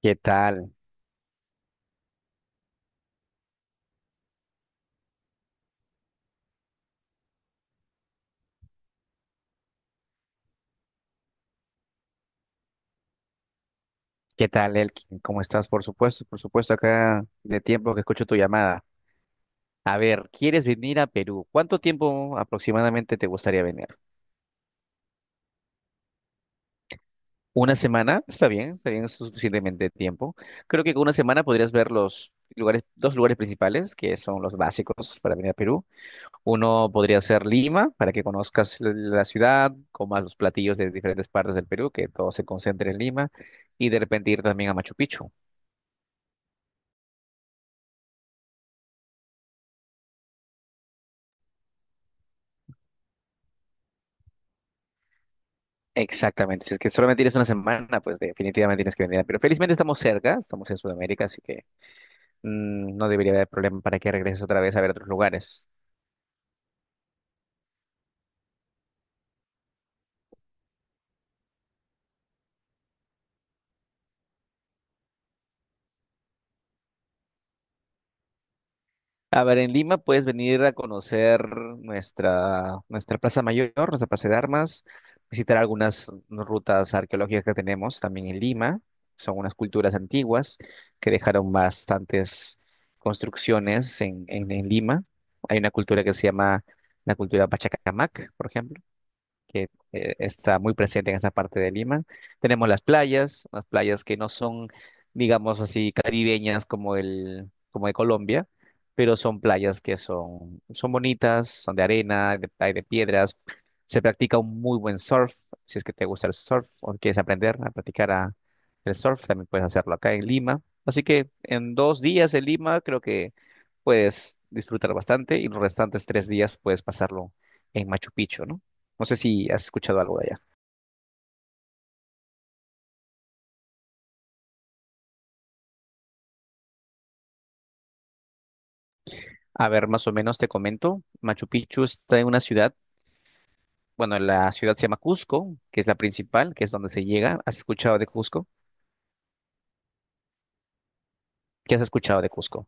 ¿Qué tal? ¿Qué tal, Elkin? ¿Cómo estás? Por supuesto, acá de tiempo que escucho tu llamada. A ver, ¿quieres venir a Perú? ¿Cuánto tiempo aproximadamente te gustaría venir? ¿Una semana? Está bien, es suficientemente tiempo. Creo que con una semana podrías ver los lugares, dos lugares principales, que son los básicos para venir a Perú. Uno podría ser Lima, para que conozcas la ciudad, comas los platillos de diferentes partes del Perú, que todo se concentre en Lima, y de repente ir también a Machu Picchu. Exactamente, si es que solamente tienes una semana, pues definitivamente tienes que venir. Pero felizmente estamos cerca, estamos en Sudamérica, así que no debería haber problema para que regreses otra vez a ver otros lugares. A ver, en Lima puedes venir a conocer nuestra Plaza Mayor, nuestra Plaza de Armas, visitar algunas rutas arqueológicas que tenemos también en Lima. Son unas culturas antiguas que dejaron bastantes construcciones en Lima. Hay una cultura que se llama la cultura Pachacamac, por ejemplo, que está muy presente en esa parte de Lima. Tenemos las playas que no son, digamos así, caribeñas como el, como de Colombia, pero son playas que son bonitas, son de arena, hay de piedras. Se practica un muy buen surf, si es que te gusta el surf o quieres aprender a practicar el surf, también puedes hacerlo acá en Lima. Así que en 2 días en Lima creo que puedes disfrutar bastante y los restantes 3 días puedes pasarlo en Machu Picchu, ¿no? No sé si has escuchado algo de allá. A ver, más o menos te comento. Machu Picchu está en una ciudad, bueno, la ciudad se llama Cusco, que es la principal, que es donde se llega. ¿Has escuchado de Cusco? ¿Qué has escuchado de Cusco?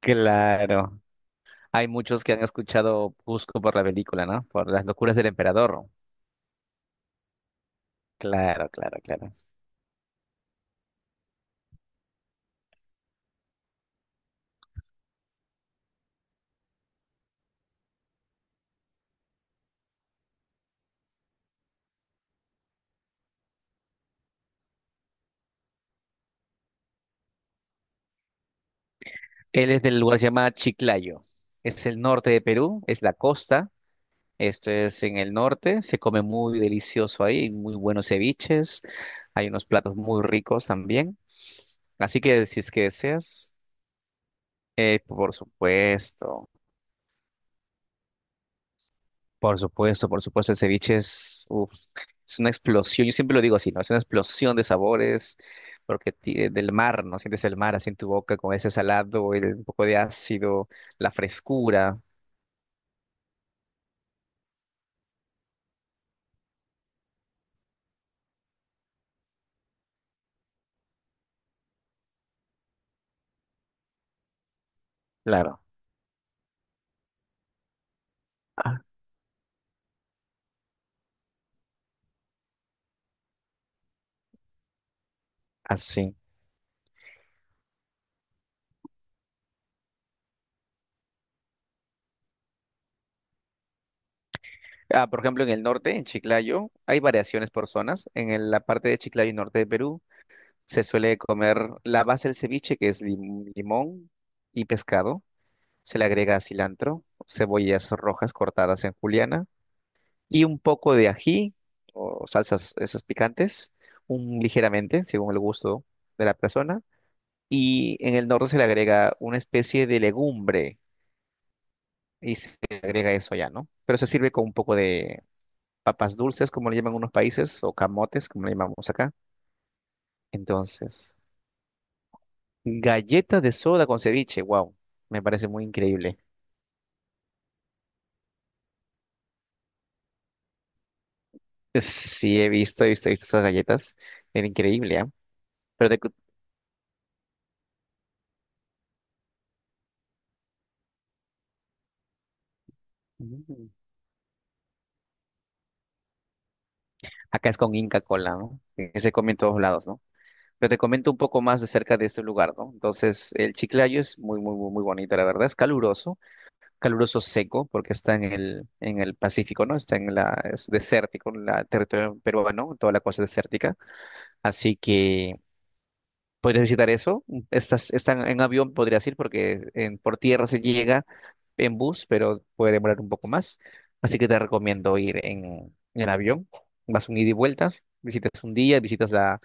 Claro, hay muchos que han escuchado Cusco por la película, ¿no? Por las locuras del emperador. Claro, claro, claro. Él es del lugar que se llama Chiclayo. Es el norte de Perú, es la costa. Esto es en el norte, se come muy delicioso ahí, hay muy buenos ceviches, hay unos platos muy ricos también. Así que si es que deseas, por supuesto, por supuesto, por supuesto, el ceviche es, uf, es una explosión, yo siempre lo digo así, ¿no? Es una explosión de sabores, porque del mar, ¿no? Sientes el mar así en tu boca con ese salado, un poco de ácido, la frescura, claro, ah, así. Ah, por ejemplo, en el norte, en Chiclayo, hay variaciones por zonas. La parte de Chiclayo y norte de Perú se suele comer la base del ceviche, que es limón y pescado. Se le agrega cilantro, cebollas rojas cortadas en juliana y un poco de ají o salsas esas picantes, un ligeramente, según el gusto de la persona. Y en el norte se le agrega una especie de legumbre y se le agrega eso ya, ¿no? Pero se sirve con un poco de papas dulces, como le llaman en unos países, o camotes, como le llamamos acá. Entonces, galleta de soda con ceviche, wow, me parece muy increíble. Sí, he visto, he visto, he visto esas galletas, era increíble, ¿ah? Pero te cu- Mm. acá es con Inca Cola, ¿no? Que se come en todos lados, ¿no? Pero te comento un poco más de cerca de este lugar, ¿no? Entonces, el Chiclayo es muy, muy, muy, muy bonito, la verdad. Es caluroso, caluroso seco, porque está en el Pacífico, ¿no? Es desértico, en la territorio peruano, toda la cosa desértica. Así que podrías visitar eso. Están en avión, podrías ir, porque por tierra se llega en bus, pero puede demorar un poco más. Así que te recomiendo ir en avión. Vas un ida y vueltas, visitas un día,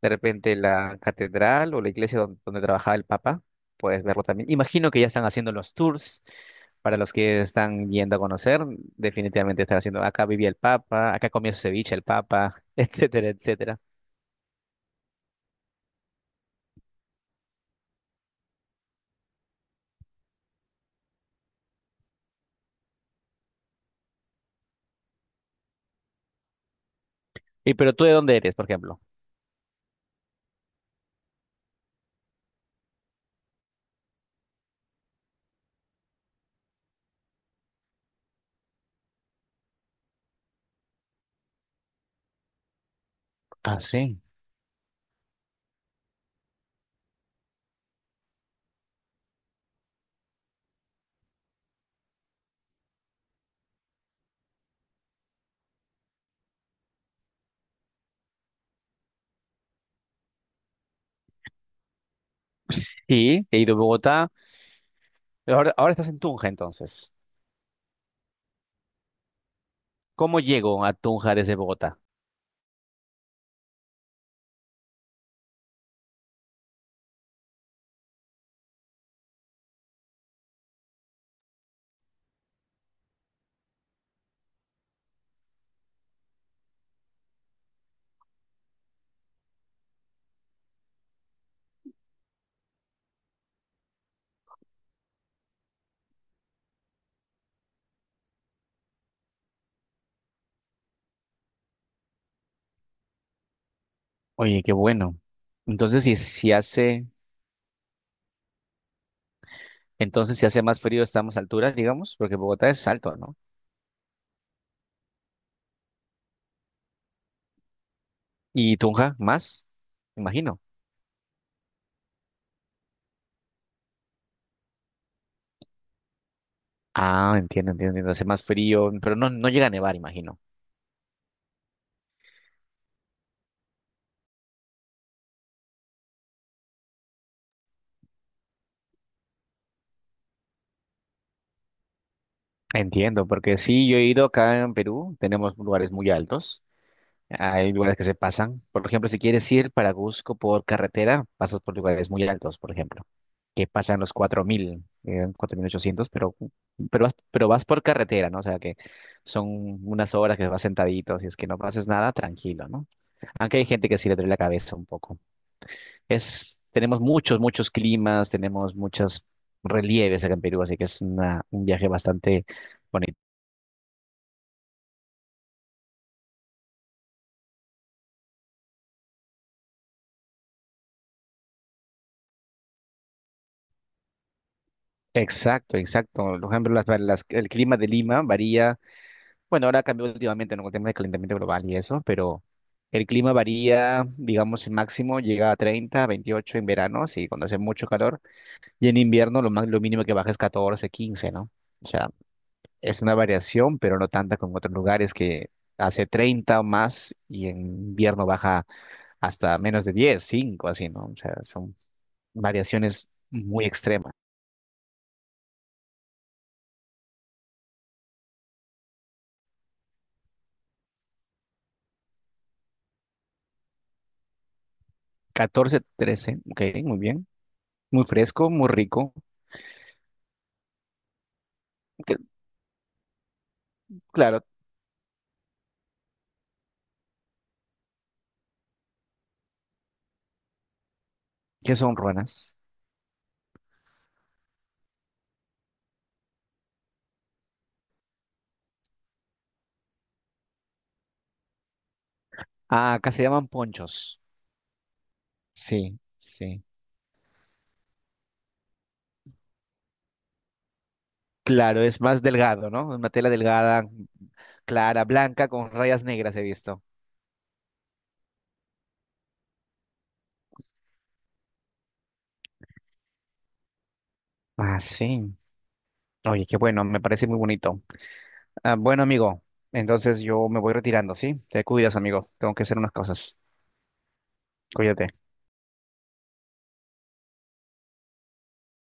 de repente la catedral o la iglesia donde, trabajaba el Papa. Puedes verlo también. Imagino que ya están haciendo los tours para los que están yendo a conocer. Definitivamente están haciendo. Acá vivía el Papa, acá comía su ceviche el Papa, etcétera, etcétera. ¿Y pero tú de dónde eres, por ejemplo? Ah, sí. Sí, he ido a Bogotá. Pero ahora estás en Tunja, entonces. ¿Cómo llego a Tunja desde Bogotá? Oye, qué bueno. Entonces, si hace más frío, estamos a altura, digamos, porque Bogotá es alto, ¿no? ¿Y Tunja más? Imagino. Ah, entiendo, entiendo, entiendo. Hace más frío, pero no, no llega a nevar, imagino. Entiendo, porque sí, yo he ido acá en Perú, tenemos lugares muy altos. Hay lugares que se pasan. Por ejemplo, si quieres ir para Cusco por carretera, pasas por lugares muy altos, por ejemplo, que pasan los 4.000, 4.800, pero vas por carretera, ¿no? O sea que son unas horas que vas sentadito, si es que no pases nada, tranquilo, ¿no? Aunque hay gente que sí le duele la cabeza un poco. Tenemos muchos, muchos climas, tenemos muchos relieves acá en Perú, así que es un viaje bastante bonito. Exacto, exacto. Por ejemplo, El clima de Lima varía. Bueno, ahora cambió últimamente, ¿no? Con el tema del calentamiento global y eso, pero el clima varía, digamos, el máximo llega a 30, 28 en verano, sí, cuando hace mucho calor, y en invierno lo mínimo que baja es 14, 15, ¿no? O sea, es una variación, pero no tanta como en otros lugares que hace 30 o más y en invierno baja hasta menos de 10, 5, así, ¿no? O sea, son variaciones muy extremas. 14, 13, ok, muy bien, muy fresco, muy rico, que- claro, que son ruanas. Ah, acá se llaman ponchos. Sí, sí. Claro, es más delgado, ¿no? Una tela delgada, clara, blanca, con rayas negras he visto. Ah, sí. Oye, qué bueno, me parece muy bonito. Ah, bueno, amigo, entonces yo me voy retirando, ¿sí? Te cuidas, amigo. Tengo que hacer unas cosas. Cuídate.